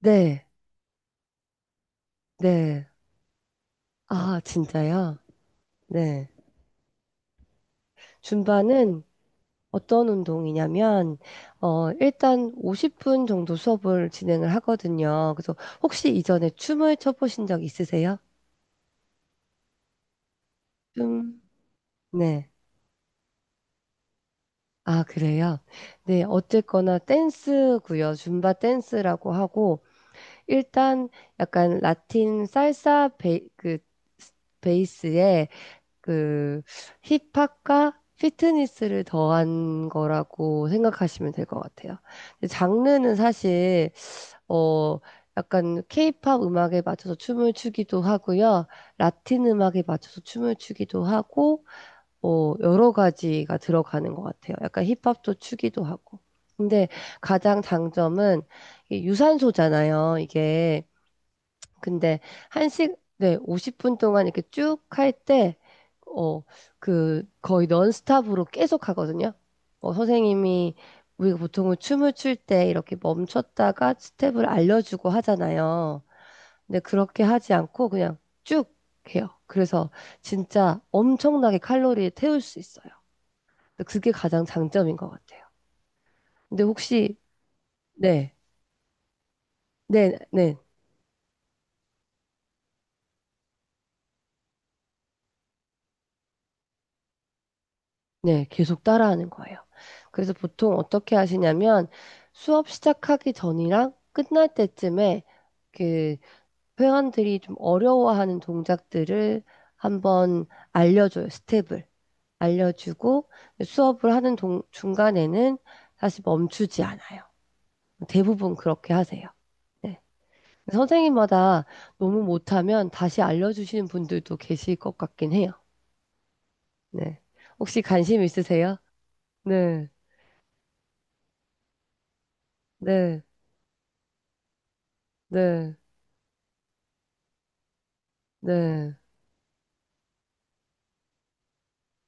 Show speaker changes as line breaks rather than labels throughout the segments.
네, 네. 아, 진짜요? 네. 줌바는 어떤 운동이냐면, 일단 50분 정도 수업을 진행을 하거든요. 그래서 혹시 이전에 춤을 춰보신 적 있으세요? 춤? 네. 아, 그래요? 네. 어쨌거나 댄스고요. 줌바 댄스라고 하고, 일단 약간 라틴 살사 베이스에 그 힙합과 피트니스를 더한 거라고 생각하시면 될 것 같아요. 근데 장르는 사실 어 약간 케이팝 음악에 맞춰서 춤을 추기도 하고요. 라틴 음악에 맞춰서 춤을 추기도 하고 여러 가지가 들어가는 것 같아요. 약간 힙합도 추기도 하고. 근데 가장 장점은 이게 유산소잖아요. 이게 근데 네, 50분 동안 이렇게 쭉 할 때, 어, 그 거의 넌스탑으로 계속 하거든요. 선생님이 우리가 보통은 춤을 출 때 이렇게 멈췄다가 스텝을 알려주고 하잖아요. 근데 그렇게 하지 않고 그냥 쭉 해요. 그래서 진짜 엄청나게 칼로리를 태울 수 있어요. 근데 그게 가장 장점인 것 같아요. 근데 혹시, 네, 네, 네. 네, 계속 따라하는 거예요. 그래서 보통 어떻게 하시냐면 수업 시작하기 전이랑 끝날 때쯤에 그 회원들이 좀 어려워하는 동작들을 한번 알려줘요. 스텝을 알려주고 수업을 하는 중간에는 다시 멈추지 않아요. 대부분 그렇게 하세요. 네. 선생님마다 너무 못하면 다시 알려주시는 분들도 계실 것 같긴 해요. 네. 혹시 관심 있으세요? 네. 네. 네, 네,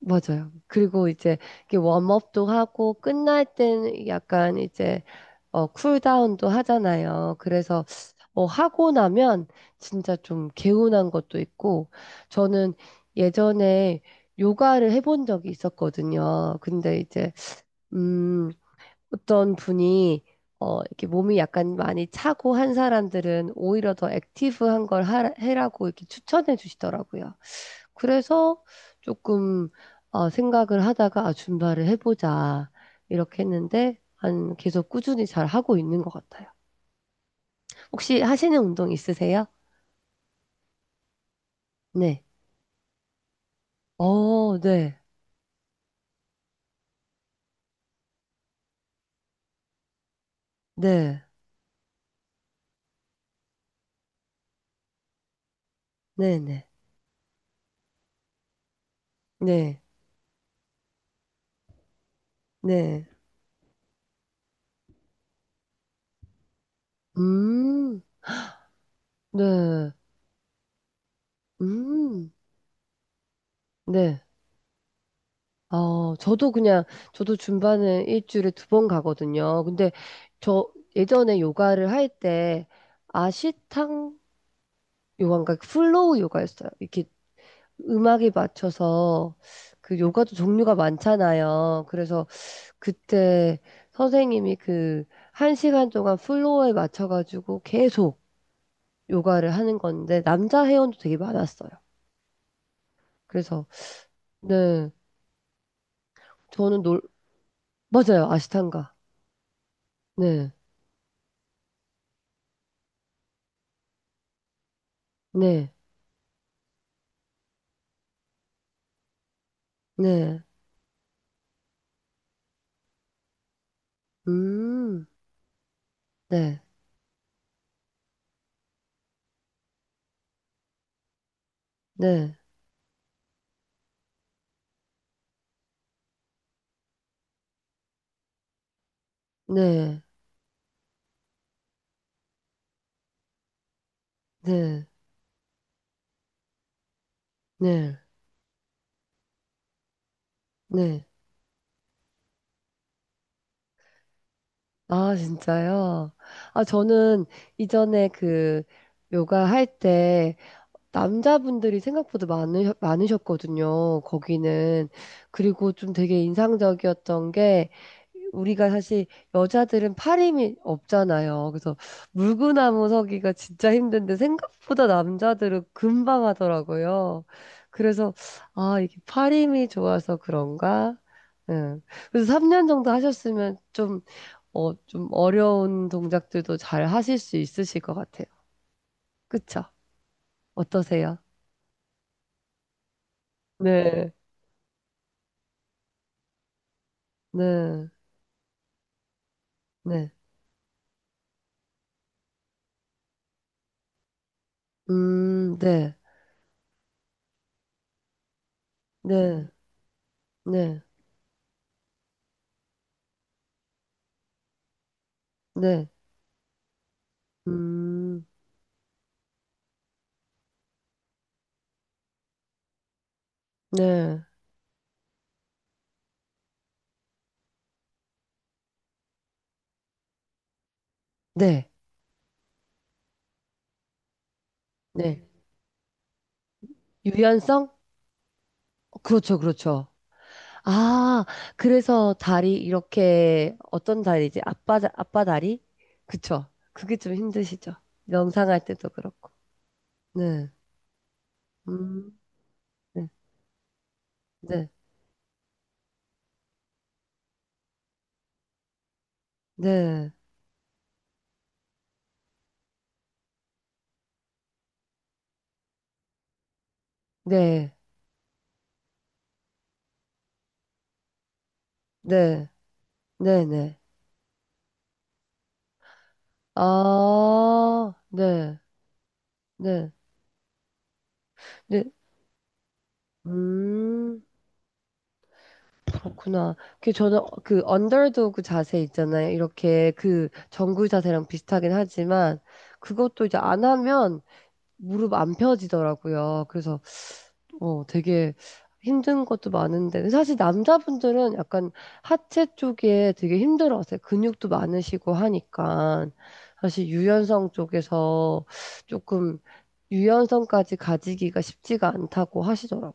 맞아요. 그리고 이제 이게 웜업도 하고 끝날 땐 약간 이제 쿨다운도 하잖아요. 그래서 하고 나면 진짜 좀 개운한 것도 있고 저는 예전에 요가를 해본 적이 있었거든요. 근데 이제 음, 어떤 분이 이렇게 몸이 약간 많이 차고 한 사람들은 오히려 더 액티브한 걸 해라고 이렇게 추천해 주시더라고요. 그래서 조금 생각을 하다가 아, 줌바를 해보자 이렇게 했는데 한 계속 꾸준히 잘 하고 있는 것 같아요. 혹시 하시는 운동 있으세요? 네. 어, 네, 네, 네, 네, 네, 네. 음, 네, 음, 네. 저도 그냥 저도 줌바는 일주일에 두 번 가거든요. 근데 저 예전에 요가를 할 때 아시탕 요가인가 플로우 요가였어요. 이렇게 음악에 맞춰서 그 요가도 종류가 많잖아요. 그래서 그때 선생님이 그 한 시간 동안 플로어에 맞춰가지고 계속 요가를 하는 건데 남자 회원도 되게 많았어요. 그래서 네, 저는 놀 맞아요 아시탄가. 네, 네, 네, 음, 네, 네, 네, 네, 네, 네. 아 진짜요? 아 저는 이전에 그 요가 할때 남자분들이 생각보다 많으셨거든요. 거기는. 그리고 좀 되게 인상적이었던 게 우리가 사실 여자들은 팔힘이 없잖아요. 그래서 물구나무 서기가 진짜 힘든데 생각보다 남자들은 금방 하더라고요. 그래서 아, 이게 팔힘이 좋아서 그런가? 응. 그래서 3년 정도 하셨으면 좀, 좀 어려운 동작들도 잘 하실 수 있으실 것 같아요. 그쵸? 어떠세요? 네. 네, 네, 네, 네, 네, 네, 음, 네, 네, 네. 유연성? 그렇죠, 그렇죠. 아, 그래서 다리 이렇게 어떤 다리지? 아빠 다리? 그쵸. 그게 좀 힘드시죠. 명상할 때도 그렇고. 네, 음, 네, 네, 네, 네, 네, 네, 네. 아, 네, 네, 네, 음. 그렇구나. 그 저는 그 언더도그 자세 있잖아요. 이렇게 그 정구 자세랑 비슷하긴 하지만 그것도 이제 안 하면 무릎 안 펴지더라고요. 그래서 되게 힘든 것도 많은데 사실 남자분들은 약간 하체 쪽에 되게 힘들어하세요. 근육도 많으시고 하니까 사실 유연성 쪽에서 조금 유연성까지 가지기가 쉽지가 않다고 하시더라고요.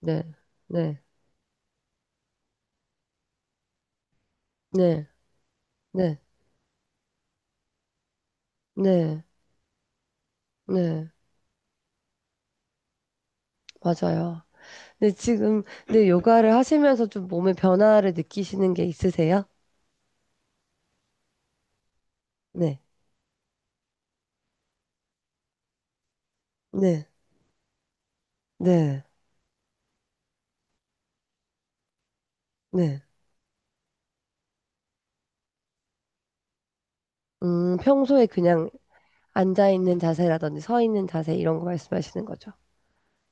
네, 네, 네, 네, 네, 네. 맞아요. 근데 지금, 근데 요가를 하시면서 좀 몸의 변화를 느끼시는 게 있으세요? 네, 네, 네, 네. 평소에 그냥 앉아있는 자세라든지 서 있는 자세 이런 거 말씀하시는 거죠?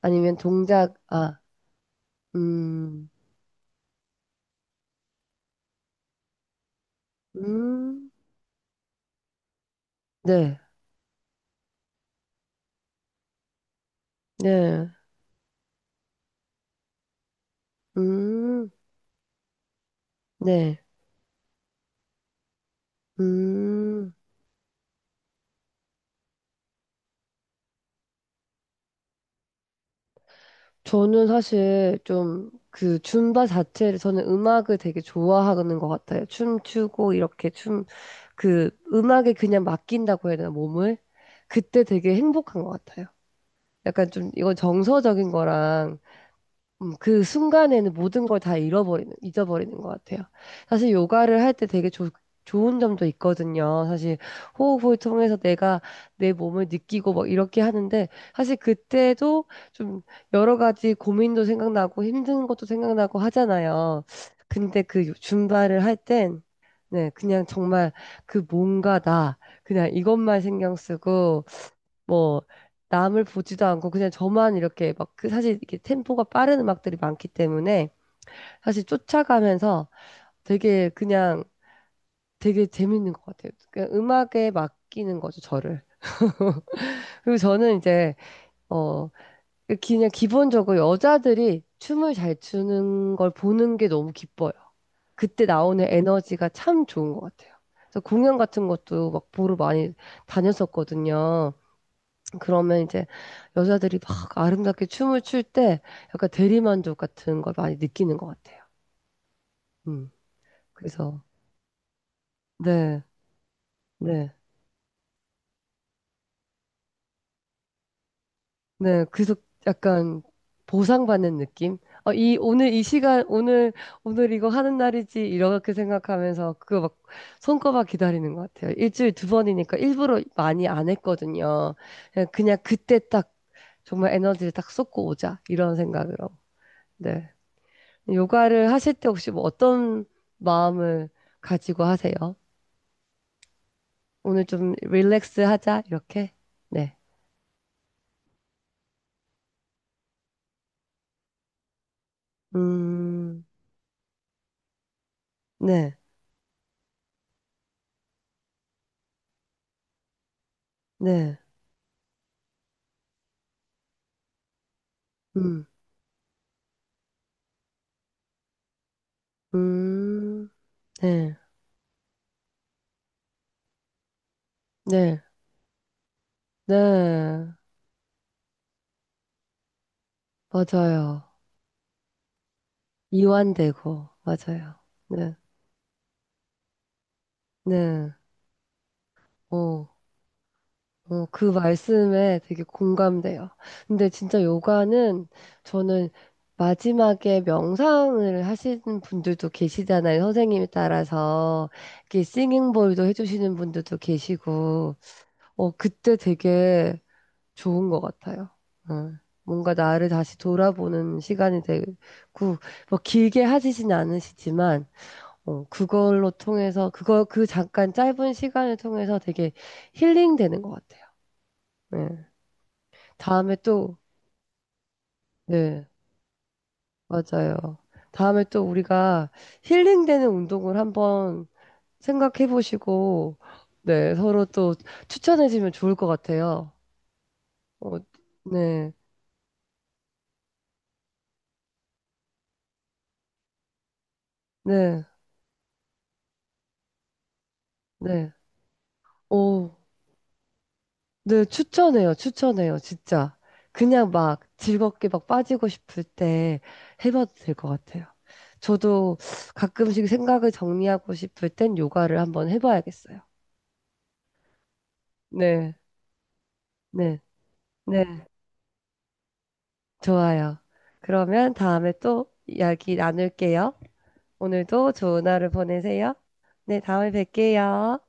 아니면 동작, 아, 음, 음, 네, 네, 음, 네, 음. 저는 사실 좀 그 줌바 자체를 저는 음악을 되게 좋아하는 것 같아요. 춤추고 이렇게 춤 그 음악에 그냥 맡긴다고 해야 되나, 몸을? 그때 되게 행복한 것 같아요. 약간 좀, 이건 정서적인 거랑 그 순간에는 모든 걸 다 잃어버리는, 잊어버리는 것 같아요. 사실 요가를 할 때 되게 좋 좋은 점도 있거든요. 사실 호흡을 통해서 내가 내 몸을 느끼고 막 이렇게 하는데 사실 그때도 좀 여러 가지 고민도 생각나고 힘든 것도 생각나고 하잖아요. 근데 그 줌바를 할 땐, 네, 그냥 정말 그 뭔가 그냥 이것만 신경 쓰고 뭐 남을 보지도 않고 그냥 저만 이렇게 막 그 사실 이게 템포가 빠른 음악들이 많기 때문에 사실 쫓아가면서 되게 그냥 되게 재밌는 것 같아요. 그냥 음악에 맡기는 거죠, 저를. 그리고 저는 이제 어 그 그냥 기본적으로 여자들이 춤을 잘 추는 걸 보는 게 너무 기뻐요. 그때 나오는 에너지가 참 좋은 것 같아요. 그래서 공연 같은 것도 막 보러 많이 다녔었거든요. 그러면 이제 여자들이 막 아름답게 춤을 출 때 약간 대리만족 같은 걸 많이 느끼는 것 같아요. 음, 그래서, 네, 네, 네. 그래서 약간 보상받는 느낌? 오늘 이 시간, 오늘 이거 하는 날이지, 이렇게 생각하면서 그거 막 손꼽아 기다리는 것 같아요. 일주일 두 번이니까 일부러 많이 안 했거든요. 그냥 그냥 그때 딱 정말 에너지를 딱 쏟고 오자, 이런 생각으로. 네. 요가를 하실 때 혹시 뭐 어떤 마음을 가지고 하세요? 오늘 좀 릴렉스 하자, 이렇게? 네. 음, 네, 네, 음, 음, 네, 네, 네, 맞아요. 이완되고, 맞아요. 네, 네, 어. 그 말씀에 되게 공감돼요. 근데 진짜 요가는 저는 마지막에 명상을 하시는 분들도 계시잖아요. 선생님에 따라서. 이렇게 싱잉볼도 해주시는 분들도 계시고. 그때 되게 좋은 것 같아요. 어, 뭔가 나를 다시 돌아보는 시간이 되고, 뭐 길게 하시진 않으시지만, 그걸로 통해서, 그 잠깐 짧은 시간을 통해서 되게 힐링되는 것 같아요. 네. 다음에 또, 네, 맞아요. 다음에 또 우리가 힐링되는 운동을 한번 생각해 보시고, 네, 서로 또 추천해 주면 좋을 것 같아요. 어, 네, 네, 네. 오, 네, 추천해요, 추천해요, 진짜. 그냥 막 즐겁게 막 빠지고 싶을 때 해봐도 될 것 같아요. 저도 가끔씩 생각을 정리하고 싶을 땐 요가를 한번 해봐야겠어요. 네, 네, 네. 좋아요. 그러면 다음에 또 이야기 나눌게요. 오늘도 좋은 하루 보내세요. 네, 다음에 뵐게요.